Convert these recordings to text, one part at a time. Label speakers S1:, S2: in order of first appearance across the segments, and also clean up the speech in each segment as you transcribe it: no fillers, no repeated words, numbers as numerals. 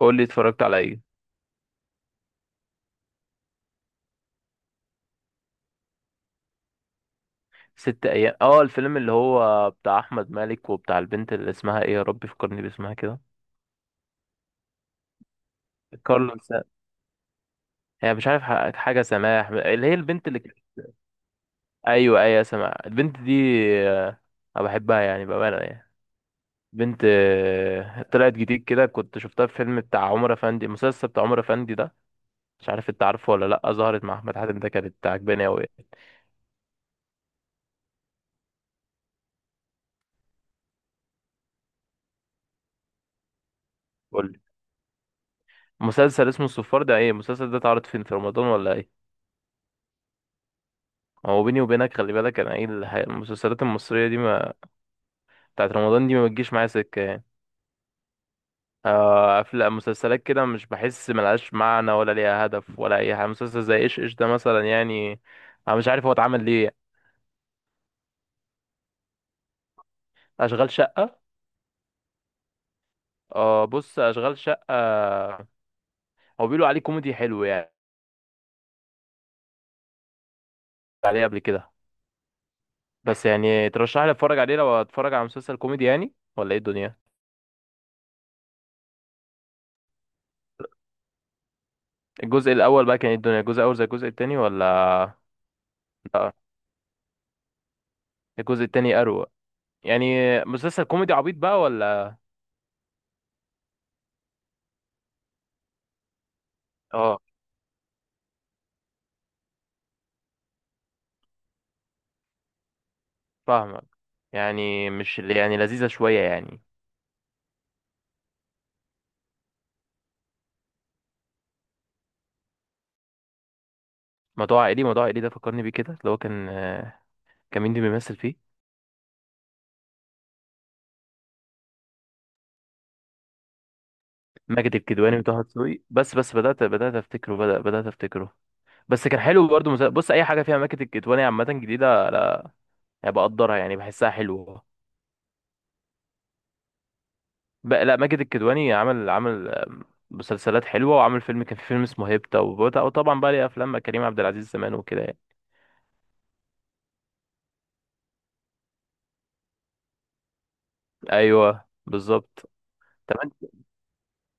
S1: قول لي اتفرجت على ايه؟ ست ايام، اه الفيلم اللي هو بتاع احمد مالك وبتاع البنت اللي اسمها ايه، يا رب فكرني باسمها كده. كارلا س... هي مش عارف، حاجه سماح اللي هي البنت ايوه ايوه سماح البنت دي. آه، انا بحبها يعني بامانه يعني. بنت طلعت جديد كده، كنت شفتها في فيلم بتاع عمر افندي، المسلسل بتاع عمر افندي ده. مش عارف انت عارفه ولا لا، ظهرت مع احمد حاتم ده، كانت عجباني قوي. قول لي، مسلسل اسمه الصفار ده ايه المسلسل ده؟ اتعرض فين، في رمضان ولا ايه؟ هو بيني وبينك خلي بالك، انا ايه المسلسلات المصريه دي، ما بتاعت رمضان دي ما بتجيش معايا سكه يعني. افلام مسلسلات كده، مش بحس ملهاش معنى ولا ليها هدف ولا اي حاجه. مسلسل زي ايش ايش ده مثلا يعني، انا مش عارف هو اتعمل ليه يعني. اشغال شقه. اه، بص اشغال شقه هو بيقولوا عليه كوميدي حلو يعني، عليه قبل كده. بس يعني ترشح لي اتفرج عليه؟ لو اتفرج على مسلسل كوميدي يعني ولا ايه الدنيا؟ الجزء الاول بقى كان ايه الدنيا؟ الجزء الاول زي الجزء التاني ولا؟ لا الجزء التاني اروق يعني. مسلسل كوميدي عبيط بقى ولا؟ اه، فاهمك. يعني مش يعني لذيذة شوية يعني. موضوع عائلي. موضوع عائلي ده فكرني بيه كده، اللي هو كان كان مين اللي بيمثل فيه؟ ماجد الكدواني وطه دسوقي. بس بدأت أفتكره. بس كان حلو برضه مسلسل. بص أي حاجة فيها ماجد الكدواني عامة جديدة يعني بقدرها يعني، بحسها حلوة. لا ماجد الكدواني عمل عمل آم، مسلسلات حلوة، وعمل فيلم، كان في فيلم اسمه هيبتا، وطبعا بقى ليه أفلام مع كريم عبد العزيز زمان وكده يعني. أيوه بالظبط.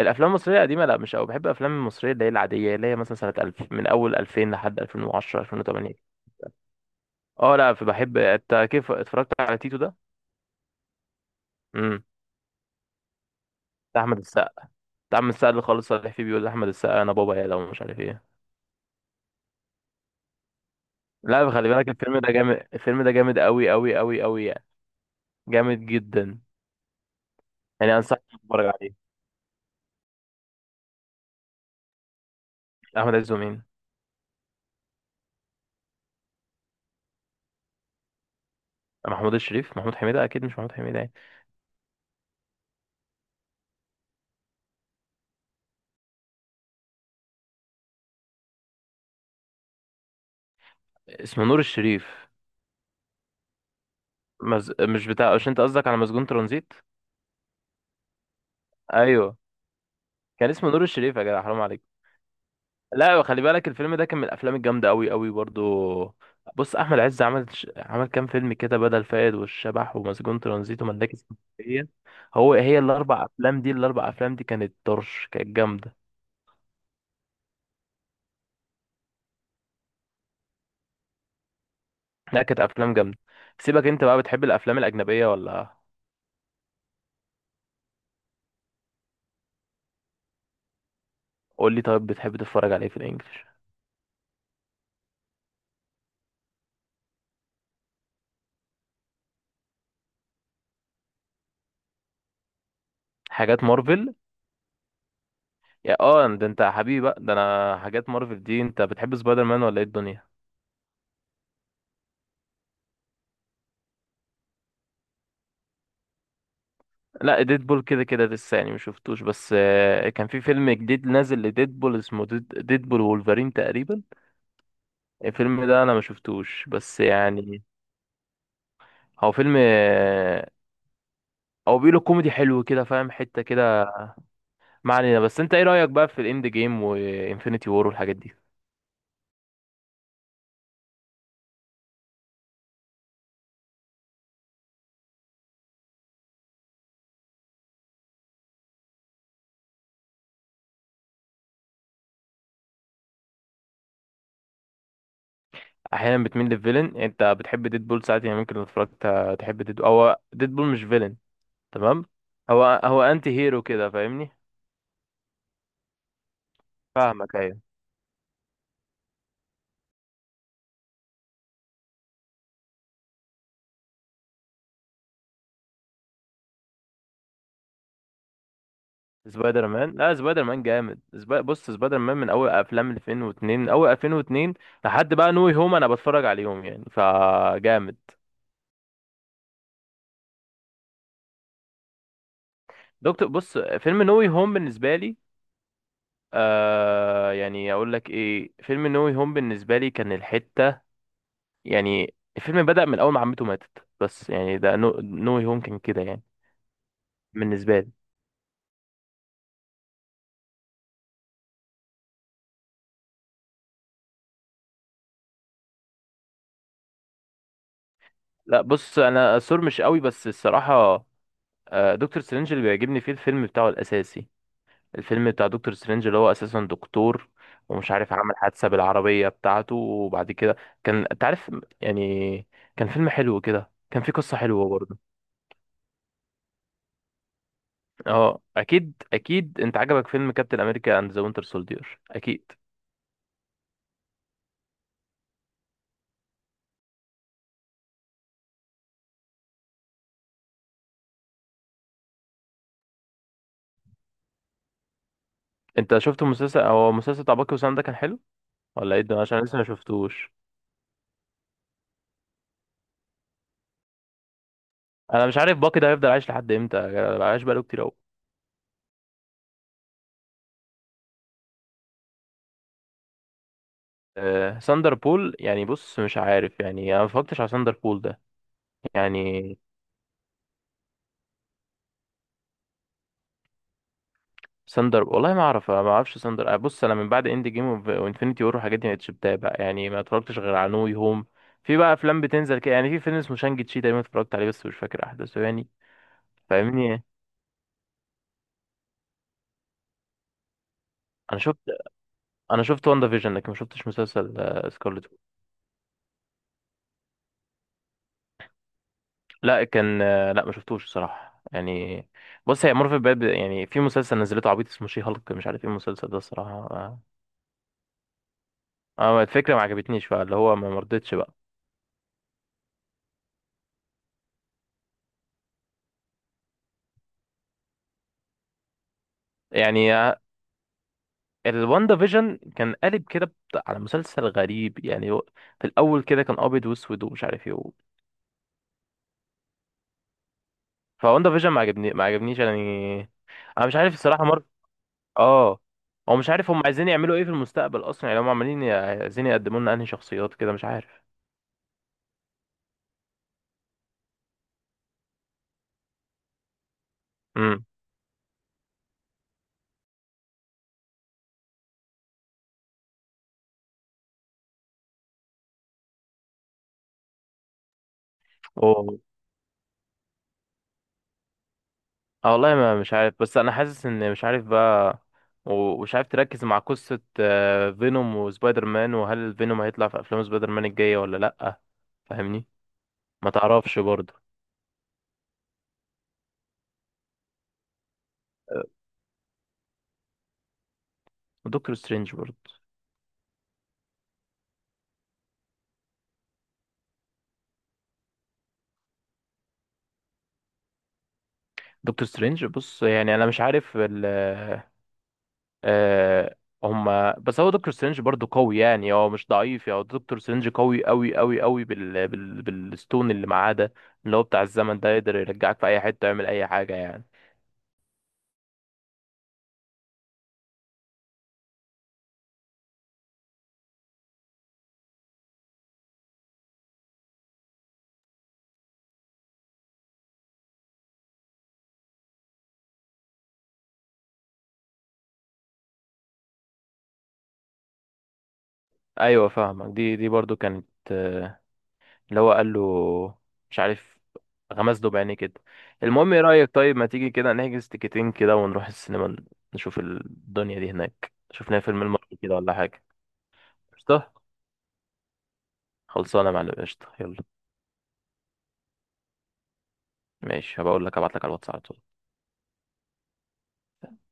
S1: الافلام المصريه القديمه؟ لا مش قوي، بحب الافلام المصريه اللي هي العاديه، اللي هي مثلا سنه 2000، من اول 2000 لحد 2010، 2008. اه لا بحب. انت كيف اتفرجت على تيتو ده؟ امم. بتاع احمد السقا بتاع احمد السقا اللي خالص صالح فيه بيقول لاحمد السقا انا بابا يا لو مش عارف ايه. لا خلي بالك الفيلم ده جامد، الفيلم ده جامد قوي قوي قوي قوي يعني، جامد جدا. يعني انصحك تتفرج عليه. احمد عز ومين؟ محمود الشريف، محمود حميدة اكيد، مش محمود حميدة يعني. اسمه نور الشريف. مز... مش بتاع مش، انت قصدك على مسجون ترانزيت؟ ايوه، كان اسمه نور الشريف يا جدع، حرام عليك. لا خلي بالك الفيلم ده كان من الافلام الجامده قوي قوي برضو. بص احمد عز عمل كام فيلم كده: بدل فاقد، والشبح، ومسجون ترانزيت، وملاك اسكندريه. هي الاربع افلام دي، الاربع افلام دي كانت طرش، كانت جامده. لا كانت افلام جامده. سيبك انت بقى، بتحب الافلام الاجنبيه ولا؟ قول لي طيب، بتحب تتفرج على ايه في الانجليش؟ حاجات مارفل. يا اه ده انت يا حبيبي بقى، ده انا حاجات مارفل دي. انت بتحب سبايدر مان ولا ايه الدنيا؟ لا ديدبول كده كده لسه يعني ما شفتوش، بس كان في فيلم جديد نازل لديدبول اسمه ديدبول وولفرين تقريبا. الفيلم ده انا ما شفتوش بس يعني. هو فيلم هو بيقولوا كوميدي حلو كده، فاهم حتة كده. ما علينا، بس انت ايه رأيك بقى في الاند جيم وانفينيتي وور والحاجات دي؟ احيانا بتميل للفيلن، انت بتحب ديدبول ساعات يعني، ممكن لو اتفرجت تحب ديدبول؟ هو ديدبول مش فيلن. تمام. هو انتي هيرو كده، فاهمني. فاهمك أيوة. سبايدر مان؟ لا سبايدر مان جامد. بص سبايدر مان من اول افلام 2002، من اول 2002 لحد بقى نوي هوم، انا بتفرج عليهم يعني فجامد. بص فيلم نوي هوم بالنسبه لي، يعني اقول لك ايه، فيلم نوي هوم بالنسبه لي كان الحته يعني. الفيلم بدأ من اول ما عمته ماتت، بس يعني ده نوي هوم كان كده يعني، بالنسبه لي. لا بص انا سور مش قوي بس الصراحه. دكتور سترينج اللي بيعجبني فيه الفيلم بتاعه الاساسي. الفيلم بتاع دكتور سترينج اللي هو اساسا دكتور، ومش عارف عمل حادثه بالعربيه بتاعته، وبعد كده كان انت عارف يعني، كان فيلم حلو كده، كان فيه قصه حلوه برضه. اه اكيد اكيد، انت عجبك فيلم كابتن امريكا اند ذا وينتر سولدير اكيد. انت شفت المسلسل بتاع باكي وسام ده كان حلو ولا ايه ده، عشان لسه ما شفتوش. انا مش عارف باكي ده هيفضل عايش لحد امتى، عايش بقاله كتير قوي. أه ساندر بول يعني، بص مش عارف يعني، انا ما اتفرجتش على ساندر بول ده يعني. ساندر، والله ما اعرفش ساندر. بص انا من بعد اند جيم وانفينيتي وور والحاجات دي ما بقتش بتابع يعني، ما اتفرجتش غير على نو هوم. في بقى افلام بتنزل كده يعني، في فيلم اسمه شانج تشي تقريبا، اتفرجت عليه بس مش فاكر احداثه يعني. فاهمني؟ انا شفت انا شفت واندا فيجن، لكن ما شفتش مسلسل سكارلت. لا كان آه، لا ما شفتوش الصراحه يعني. بص هي مورفي بقى يعني، في مسلسل نزلته عبيط اسمه شي هالك، مش عارف ايه المسلسل ده الصراحه، اه. الفكره ما عجبتنيش بقى، اللي هو ما مرضتش بقى. يعني الواندا فيجن كان قالب كده على مسلسل غريب يعني، هو في الاول كده كان ابيض واسود ومش عارف ايه فواندا فيجن ما عجبنيش يعني. انا مش عارف الصراحه اه. هو مش عارف هم عايزين يعملوا ايه في المستقبل اصلا يعني، هم عمالين عايزين يقدموا لنا انهي شخصيات كده مش عارف. امم. و... اه والله ما مش عارف، بس انا حاسس ان مش عارف بقى، و- ومش عارف تركز مع قصه فينوم وسبايدر مان، وهل فينوم هيطلع في افلام سبايدر مان الجايه ولا لا؟ فاهمني، ما تعرفش برضه. ودكتور سترينج برضه. دكتور سترينج، بص يعني انا مش عارف ال، آه، هما. بس هو دكتور سترينج برضه قوي يعني، هو مش ضعيف يعني، هو دكتور سترينج قوي قوي قوي قوي بالستون اللي معاه ده، اللي هو بتاع الزمن ده، يقدر يرجعك في اي حتة يعمل اي حاجة يعني. ايوه فاهمك، دي برضه كانت آه، اللي هو قال له، مش عارف، غمز له بعينيه كده. المهم ايه رأيك طيب، ما تيجي كده نحجز تيكتين كده ونروح السينما، نشوف الدنيا دي هناك، شوف لنا فيلم المرة كده ولا حاجة. قشطة. خلصانة يا معلم، قشطة يلا. ماشي هبقول لك، هبعت لك على الواتس على طول.